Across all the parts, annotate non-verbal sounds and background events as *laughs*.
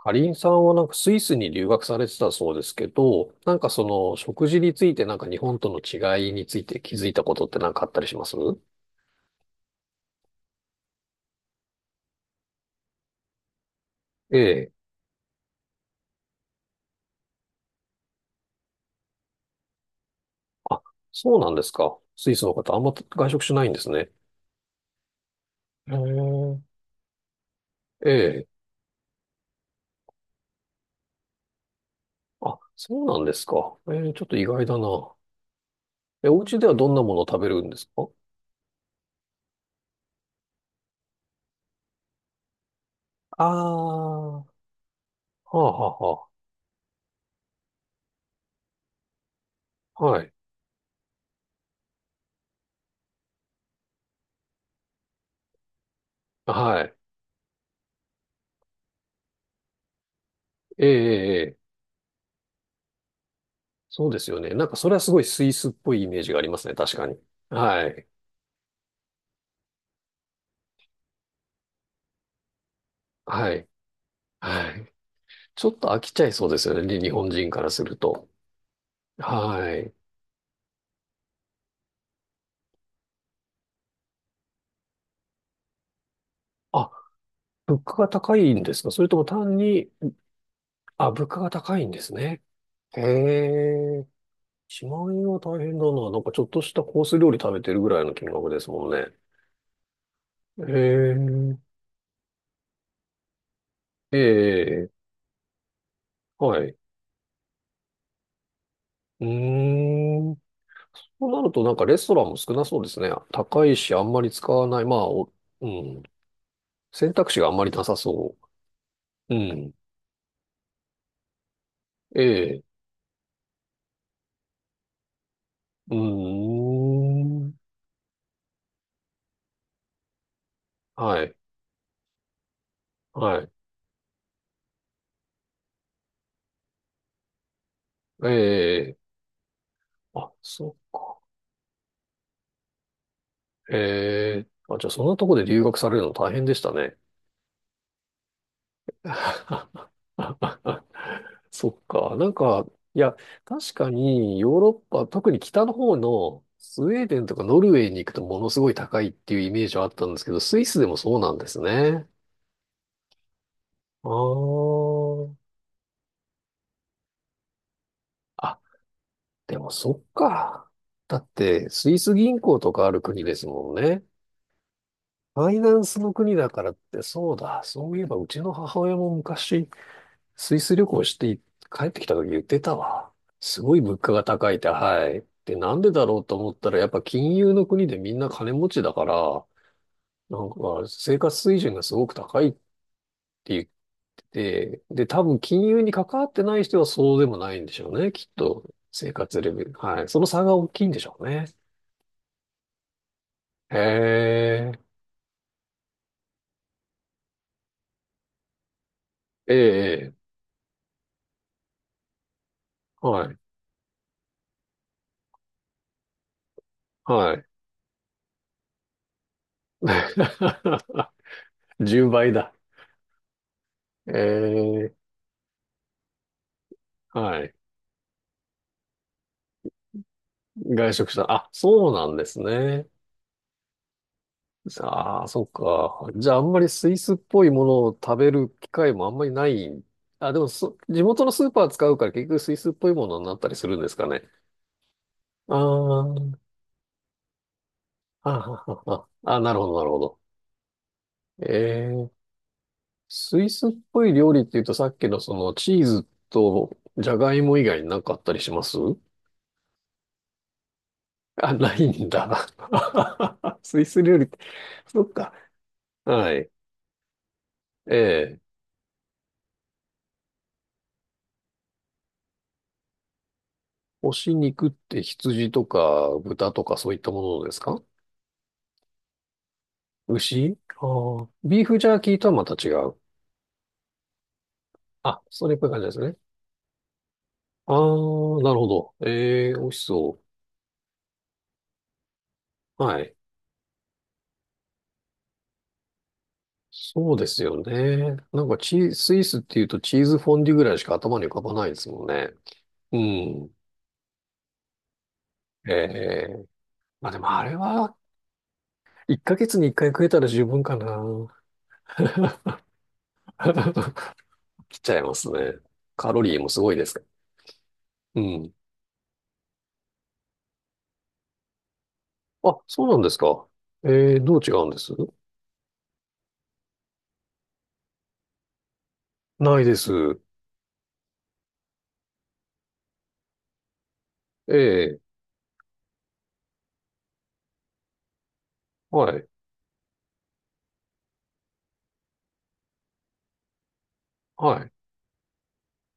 かりんさんはなんかスイスに留学されてたそうですけど、なんかその食事についてなんか日本との違いについて気づいたことってなんかあったりします？ええ。あ、そうなんですか。スイスの方あんま外食しないんですね。へえ。ええ。あ、そうなんですか。ええ、ちょっと意外だな。え、お家ではどんなものを食べるんですか？ああ、はあ、はあはあ。はい。はい。ええ、ええええ。そうですよね。なんかそれはすごいスイスっぽいイメージがありますね。確かに。はい。はい。はい。ちょっと飽きちゃいそうですよね、日本人からすると。はい。あ、物価が高いんですか、それとも単に、あ、物価が高いんですね。へえ。1万円は大変だな。なんかちょっとしたコース料理食べてるぐらいの金額ですもんね。へえ。ええ。はい。うーん。そうなるとなんかレストランも少なそうですね。高いし、あんまり使わない。まあ、お、うん、選択肢があんまりなさそう。うん。ええ。うーん。はい。はい。ええ、あ、そっか。ええ、あ、じゃあそんなとこで留学されるの大変でしたね。*laughs* そっか。なんか、いや、確かにヨーロッパ、特に北の方のスウェーデンとかノルウェーに行くとものすごい高いっていうイメージはあったんですけど、スイスでもそうなんですね。あー、あ、でもそっか。だって、スイス銀行とかある国ですもんね。ファイナンスの国だからって、そうだ、そういえばうちの母親も昔、スイス旅行して帰ってきた時言ってたわ。すごい物価が高いって、はい。で、なんでだろうと思ったら、やっぱ金融の国でみんな金持ちだから、なんか生活水準がすごく高いって言ってて、で、多分金融に関わってない人はそうでもないんでしょうね、きっと。生活レベル。はい。その差が大きいんでしょうね。へえ、ええ、はい、はい。*laughs* 10倍だ。ええ、はい。外食した。あ、そうなんですね。ああ、そっか。じゃあ、あんまりスイスっぽいものを食べる機会もあんまりない。あ、でもそ、地元のスーパー使うから結局スイスっぽいものになったりするんですかね。ああ、ああ、ああ、あ、なるほど、なるほど。ええ、スイスっぽい料理っていうとさっきのそのチーズとジャガイモ以外になんかあったりします？あ、ないんだ。*laughs* スイス料理って、そっか。はい。ええ。干し肉って羊とか豚とかそういったものですか？牛、ああ、ビーフジャーキーとはまた違う。あ、それっぽい感じですね。ああ、なるほど。ええ、美味しそう。はい。そうですよね。なんかチー、スイスっていうとチーズフォンデュぐらいしか頭に浮かばないですもんね。うん。ええ。まあでもあれは、1ヶ月に1回食えたら十分かな。*laughs* 来ちゃいますね。カロリーもすごいですから。うん。あ、そうなんですか。えー、どう違うんです？ないです。ええ、はい、はい、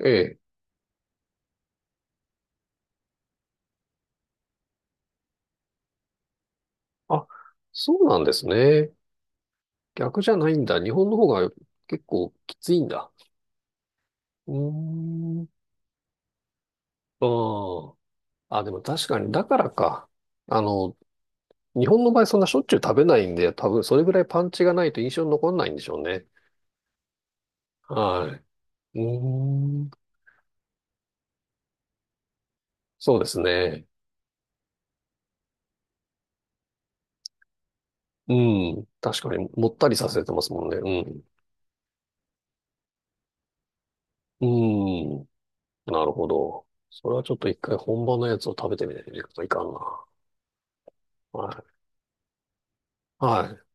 ええ。あ、そうなんですね。逆じゃないんだ。日本の方が結構きついんだ。うーん、ああ。あ、でも確かに、だからか。あの、日本の場合そんなしょっちゅう食べないんで、多分それぐらいパンチがないと印象に残んないんでしょうね。はい。うーん、そうですね。うん、確かに、もったりさせてますもんね。うん。うん。なるほど。それはちょっと一回本場のやつを食べてみないといかんな。はい。はい。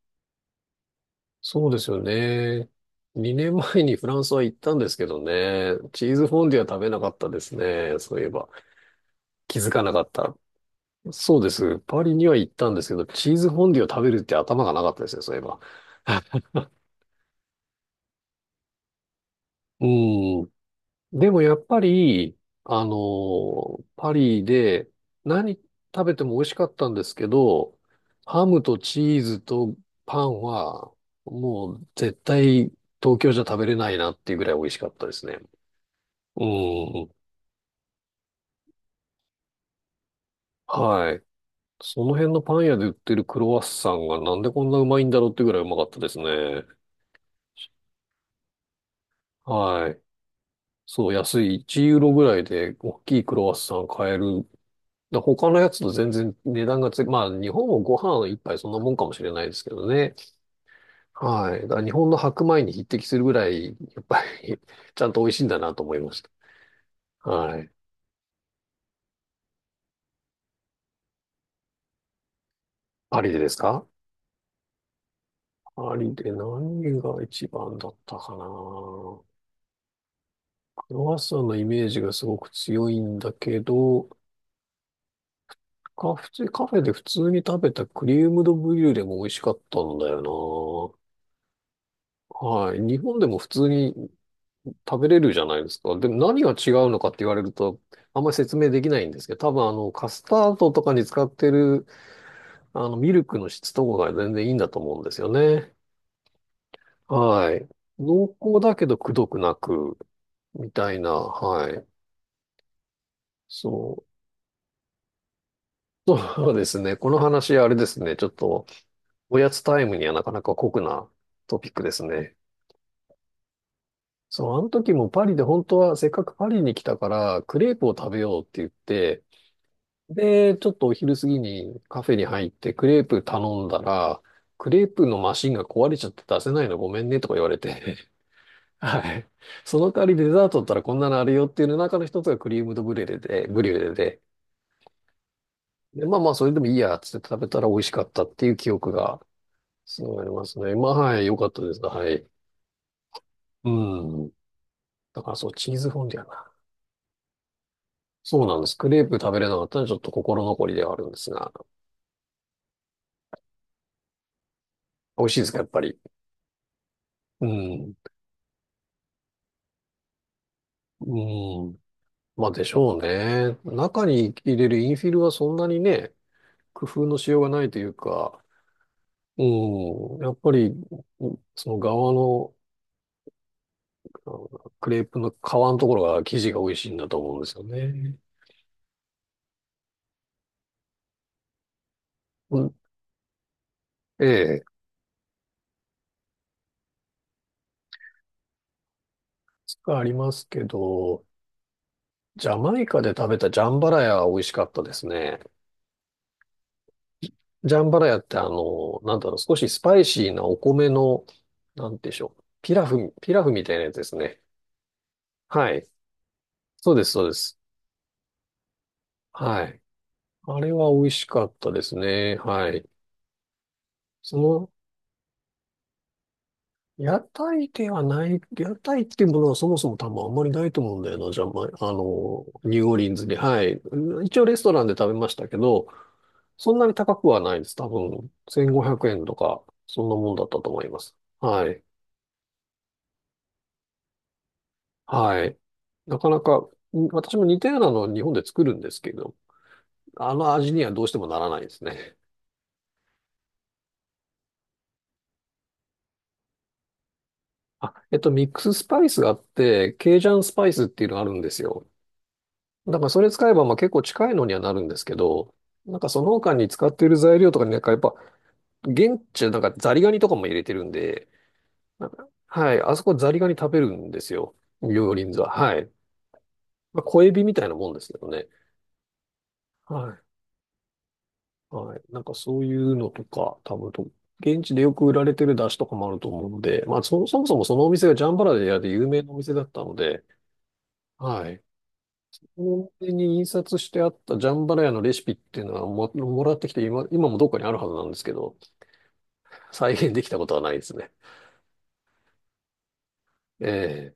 そうですよね。2年前にフランスは行ったんですけどね。チーズフォンデュは食べなかったですね。そういえば。気づかなかった。そうです。パリには行ったんですけど、チーズフォンデュを食べるって頭がなかったですね、そういえば。うーん。でもやっぱり、あのパリで何食べても美味しかったんですけど、ハムとチーズとパンはもう絶対東京じゃ食べれないなっていうぐらい美味しかったですね。うん。はい。その辺のパン屋で売ってるクロワッサンがなんでこんなうまいんだろうってぐらいうまかったですね。はい。そう、安い1ユーロぐらいで大きいクロワッサン買えるだ他のやつと全然値段がつ、まあ日本もご飯一杯そんなもんかもしれないですけどね。はい。だから日本の白米に匹敵するぐらい、やっぱり *laughs* ちゃんと美味しいんだなと思いました。はい。パリでですか？パリで何が一番だったかな。クロワッサンのイメージがすごく強いんだけど、カフェで普通に食べたクリームドブリュレも美味しかったんだよな。はい。日本でも普通に食べれるじゃないですか。でも何が違うのかって言われると、あんまり説明できないんですけど、多分あの、カスタードとかに使ってる、あの、ミルクの質とかが全然いいんだと思うんですよね。はい。濃厚だけどくどくなく、みたいな、はい。そう。そうですね。この話、あれですね。ちょっと、おやつタイムにはなかなか酷なトピックですね。そう、あの時もパリで本当はせっかくパリに来たから、クレープを食べようって言って、で、ちょっとお昼過ぎにカフェに入ってクレープ頼んだら、クレープのマシンが壊れちゃって出せないのごめんねとか言われて、*laughs* はい。その代わりデザートだったらこんなのあるよっていうの中の一つがクリームドブリュレで、ブリュレで、で、まあまあそれでもいいやっつって食べたら美味しかったっていう記憶がすごいありますね。まあはい、良かったです。はい。うん。だからそう、チーズフォンデュな。そうなんです。クレープ食べれなかったのはちょっと心残りではあるんですが、美味しいですか、やっぱり。うん。うん。まあでしょうね。中に入れるインフィルはそんなにね、工夫のしようがないというか、うん、やっぱり、その側の、あのクレープの皮のところが生地が美味しいんだと思うんですよね。うん、ええ、がありますけど、ジャマイカで食べたジャンバラヤは美味しかったですね。ジャンバラヤってあの、なんだろう、少しスパイシーなお米の、なんでしょう、ピラフみたいなやつですね。はい。そうです、そうです。はい。あれは美味しかったですね。はい。その、屋台っていうものはそもそも多分あんまりないと思うんだよな、じゃまあの、ニューオーリンズで。はい。うん、一応レストランで食べましたけど、そんなに高くはないです。多分、1500円とか、そんなもんだったと思います。はい。はい。なかなか、ん私も似たようなのを日本で作るんですけど、あの味にはどうしてもならないですね。あ、えっと、ミックススパイスがあって、ケイジャンスパイスっていうのがあるんですよ。だからそれ使えばまあ結構近いのにはなるんですけど、なんかその他に使っている材料とかになんかやっぱ、現地なんかザリガニとかも入れてるんで、なんか、はい、あそこザリガニ食べるんですよ。両輪座。はい。まあ、小エビみたいなもんですけどね。はい。はい。なんかそういうのとか、多分と、現地でよく売られてる出汁とかもあると思うので、まあそ、そもそもそのお店がジャンバラヤで有名なお店だったので、はい。コンビニに印刷してあったジャンバラヤのレシピっていうのはも、もらってきて今もどっかにあるはずなんですけど、再現できたことはないですね。ええ